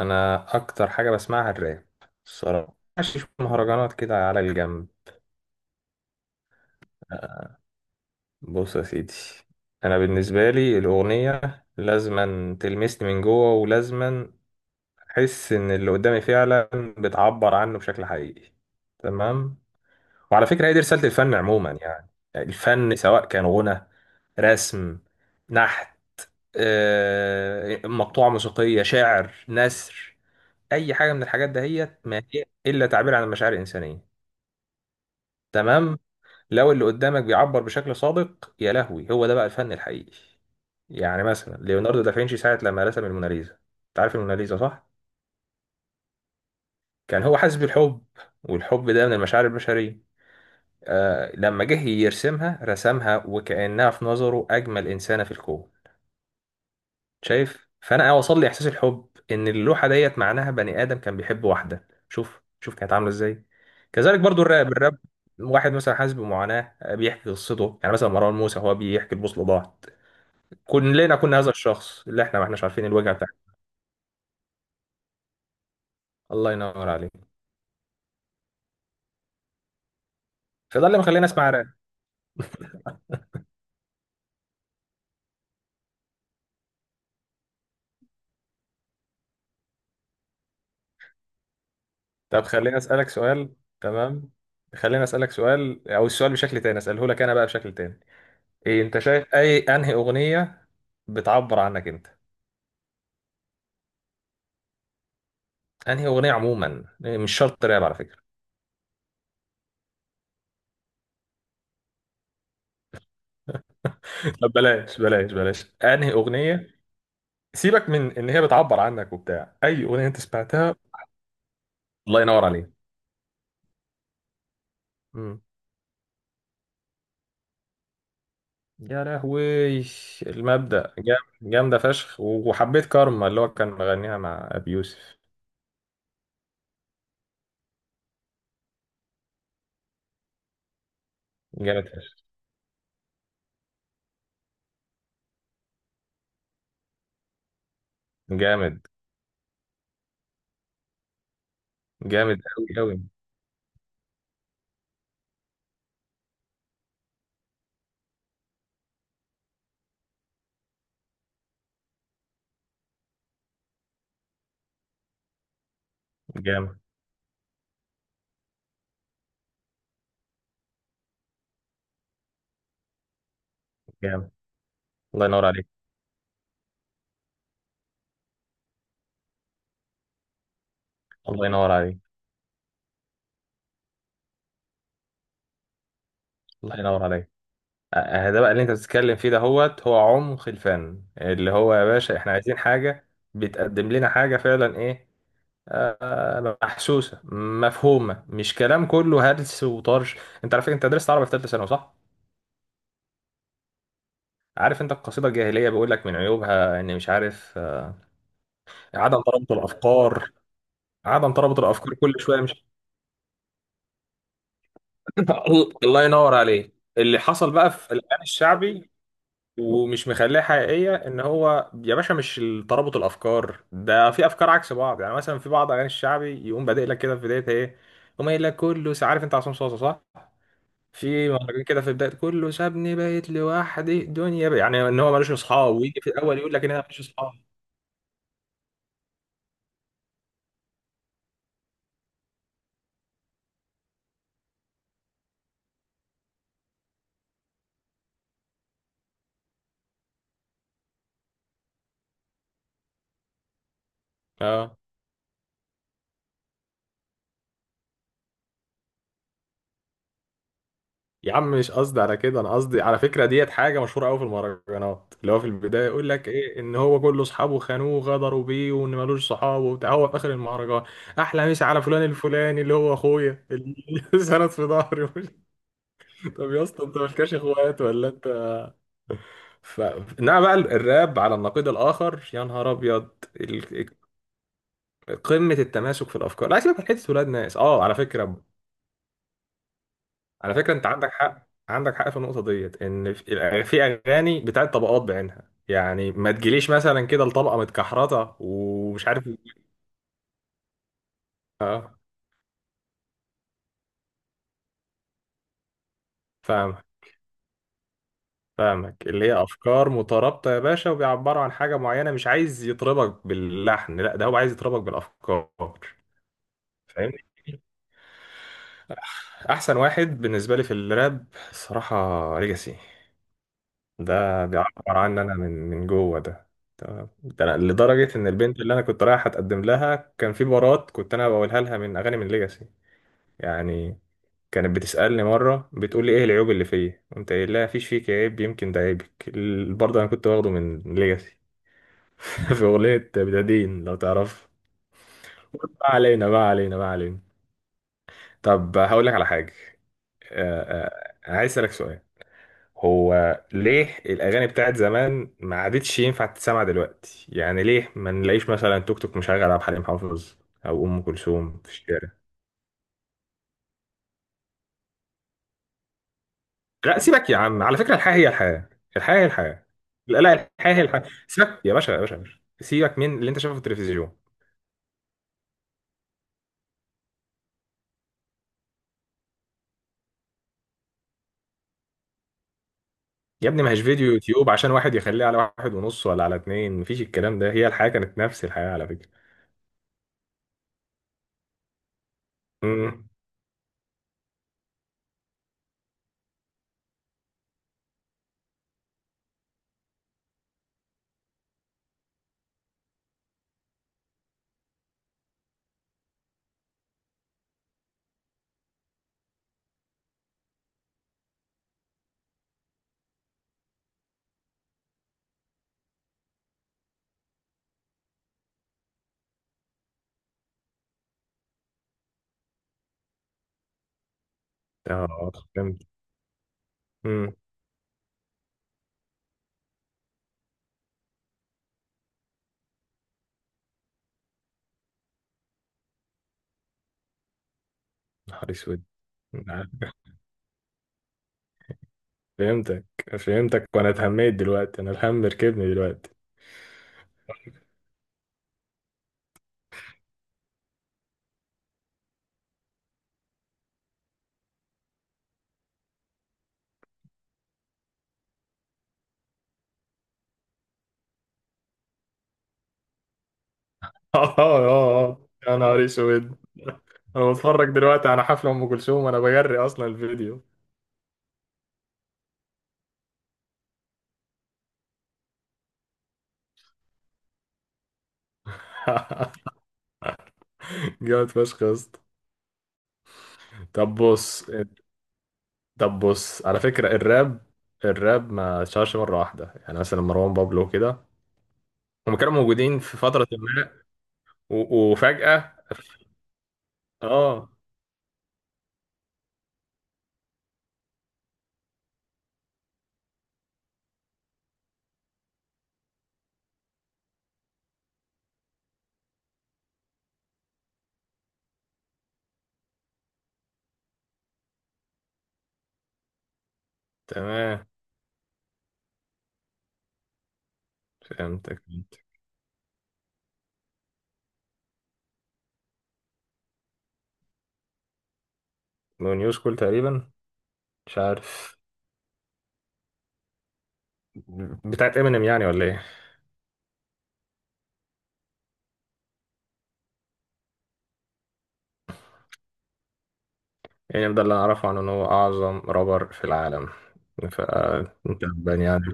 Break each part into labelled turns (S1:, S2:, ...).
S1: انا اكتر حاجه بسمعها الراب. الصراحه ماشي شوية مهرجانات كده على الجنب. بص يا سيدي، انا بالنسبه لي الاغنيه لازما تلمسني من جوه، ولازما احس ان اللي قدامي فعلا بتعبر عنه بشكل حقيقي، تمام. وعلى فكره هي دي رساله الفن عموما، يعني الفن سواء كان غنى، رسم، نحت، مقطوعه موسيقيه، شعر، نثر، اي حاجه من الحاجات دهيت ما هي الا تعبير عن المشاعر الانسانيه. تمام. لو اللي قدامك بيعبر بشكل صادق، يا لهوي هو ده بقى الفن الحقيقي. يعني مثلا ليوناردو دافنشي ساعة لما رسم الموناليزا، انت عارف الموناليزا صح؟ كان هو حاسس بالحب، والحب ده من المشاعر البشرية. آه لما جه يرسمها رسمها وكأنها في نظره أجمل إنسانة في الكون. شايف، فانا وصل لي احساس الحب ان اللوحه ديت معناها بني ادم كان بيحب واحده، شوف شوف كانت عامله ازاي. كذلك برضو الراب. الراب واحد مثلا حاسس بمعاناه، بيحكي قصته. يعني مثلا مروان موسى هو بيحكي البوصله ضاعت. كلنا كنا هذا الشخص اللي احنا ما احناش عارفين الوجع بتاعه. الله ينور عليك. فده اللي مخليني اسمع راب. طب خليني اسالك سؤال. تمام، خليني اسالك سؤال، او السؤال بشكل تاني اساله لك انا بقى بشكل تاني. إيه انت شايف اي، انهي اغنيه بتعبر عنك انت؟ انهي اغنيه عموما، مش شرط راب على فكره. طب بلاش بلاش بلاش، انهي اغنيه سيبك من ان هي بتعبر عنك وبتاع، اي اغنيه انت سمعتها؟ الله ينور عليك. مم. يا لهوي، المبدأ جامده فشخ، وحبيت كارما اللي هو كان مغنيها مع ابي يوسف. جامد فشخ. جامد. جامد قوي قوي. جامد. جامد. الله ينور عليك. الله ينور عليك. الله ينور عليك. ده بقى اللي انت بتتكلم فيه ده، هوت هو عمق الفن. اللي هو يا باشا احنا عايزين حاجة بتقدم لنا حاجة فعلا، ايه، محسوسة، مفهومة، مش كلام كله هلس وطرش. انت عارف، انت درست عربي في ثالثة ثانوي صح؟ عارف انت القصيدة الجاهلية بيقول لك من عيوبها ان، مش عارف، عدم ترابط الافكار. عدم ترابط الافكار كل شوية مش، الله ينور عليك اللي حصل بقى في الأغاني الشعبي، ومش مخليها حقيقية ان هو يا باشا مش ترابط الافكار، ده في افكار عكس بعض. يعني مثلا في بعض اغاني الشعبي يقوم بادئ لك كده في بداية ايه، يقوم قايل لك كله، عارف انت عصام صاصا صح؟ في مهرجان كده في بداية كله، سابني بقيت لوحدي دنيا بقى. يعني ان هو ملوش اصحاب، ويجي في الاول يقول لك ان انا ماليش اصحاب. اه. يا عم مش قصدي على كده، انا قصدي على فكره ديت حاجه مشهوره قوي في المهرجانات، اللي هو في البدايه يقول لك ايه ان هو كل اصحابه خانوه وغدروا بيه وان ملوش صحاب وبتاع، هو في اخر المهرجان احلى مسا على فلان الفلاني اللي هو اخويا اللي سند في ظهري. طب يا اسطى انت مالكاش اخوات ولا انت ف... انما بقى الراب على النقيض الاخر، يا نهار ابيض، ال- قمه التماسك في الافكار. لا سيبك من حته ولاد ناس، اه على فكره، على فكرة انت عندك حق، عندك حق في النقطة ديت. ان في اغاني بتاعت طبقات بعينها، يعني ما تجيليش مثلا كده لطبقة متكحرطة ومش عارف إيه. اه، فاهمك. فاهمك اللي هي افكار مترابطة يا باشا، وبيعبروا عن حاجة معينة، مش عايز يطربك باللحن، لا ده هو عايز يطربك بالافكار. فاهمني. احسن واحد بالنسبة لي في الراب صراحة ليجاسي. ده بيعبر عني انا من جوه ده. تمام، ده أنا لدرجه ان البنت اللي انا كنت رايح اتقدم لها كان في بارات كنت انا بقولها لها من اغاني من ليجاسي، يعني. كانت بتسالني مره بتقول لي ايه العيوب اللي فيا، قمت قايل لها مفيش فيك عيب يمكن ده عيبك، برضه انا كنت واخده من ليجاسي. في اغنيه بدادين لو تعرف. ما علينا، ما علينا، ما علينا. طب هقول لك على حاجه. آه، عايز اسالك سؤال. هو ليه الأغاني بتاعت زمان ما عادتش ينفع تتسمع دلوقتي؟ يعني ليه ما نلاقيش مثلا توك توك مشغل عبد الحليم حافظ أو أم كلثوم في الشارع؟ لا سيبك يا عم، على فكرة الحياة هي الحياة. الحياة هي الحياة. لا لا، الحياة هي الحياة. سيبك يا باشا يا باشا يا باشا، سيبك من اللي أنت شايفه في التلفزيون. يا ابني ما هيش فيديو يوتيوب عشان واحد يخليه على واحد ونص ولا على اتنين، مفيش الكلام ده، هي الحياة كانت نفس الحياة على فكرة. امم. اه فهمت. امم. نهار اسود. فهمتك. فهمتك، وانا اتهميت دلوقتي، انا الهم ركبني دلوقتي. اه اه اه، يا نهار اسود، انا بتفرج دلوقتي على حفله ام كلثوم وانا بجري اصلا الفيديو. جامد فشخ يا اسطى. طب بص، طب بص، على فكره الراب، الراب ما اتشهرش مره واحده. يعني مثلا مروان بابلو كده، هم كانوا موجودين في فتره ما وفجاه اه. تمام، فهمتك. نو نيوز كول تقريبا. مش عارف، بتاعت امينيم يعني ولا ايه؟ يعني ده اللي أعرفه عنه إن هو أعظم رابر في العالم، فأنت يعني.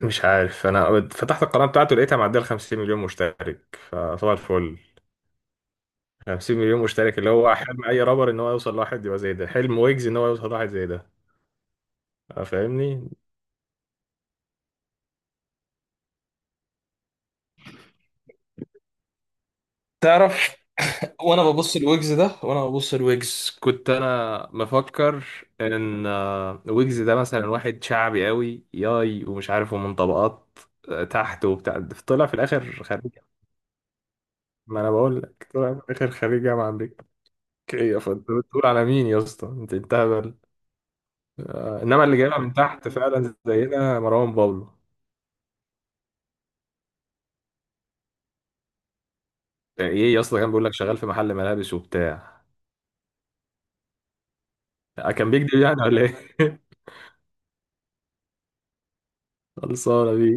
S1: مش عارف، أنا فتحت القناة بتاعته لقيتها معدية ال 50 مليون مشترك، فصباح الفل. 50 مليون مشترك، اللي هو حلم أي رابر إن هو يوصل لواحد يبقى زي ده، حلم ويجز إن هو يوصل لواحد زي ده. فاهمني؟ تعرف، وانا ببص الويجز ده، وانا ببص الويجز كنت انا مفكر ان ويجز ده مثلا واحد شعبي قوي ياي ومش عارف، ومن طبقات تحت وبتاع، طلع في الاخر. ما انا بقول لك طلع في الاخر خريج جامعه امريكيه، فانت بتقول على مين يا اسطى، انت انت هبل. انما اللي جايبها من تحت فعلا زينا مروان بابلو. ايه يا اسطى كان بيقول لك شغال في محل ملابس وبتاع. كان بيكذب يعني ولا ايه؟ خلصانه بيه.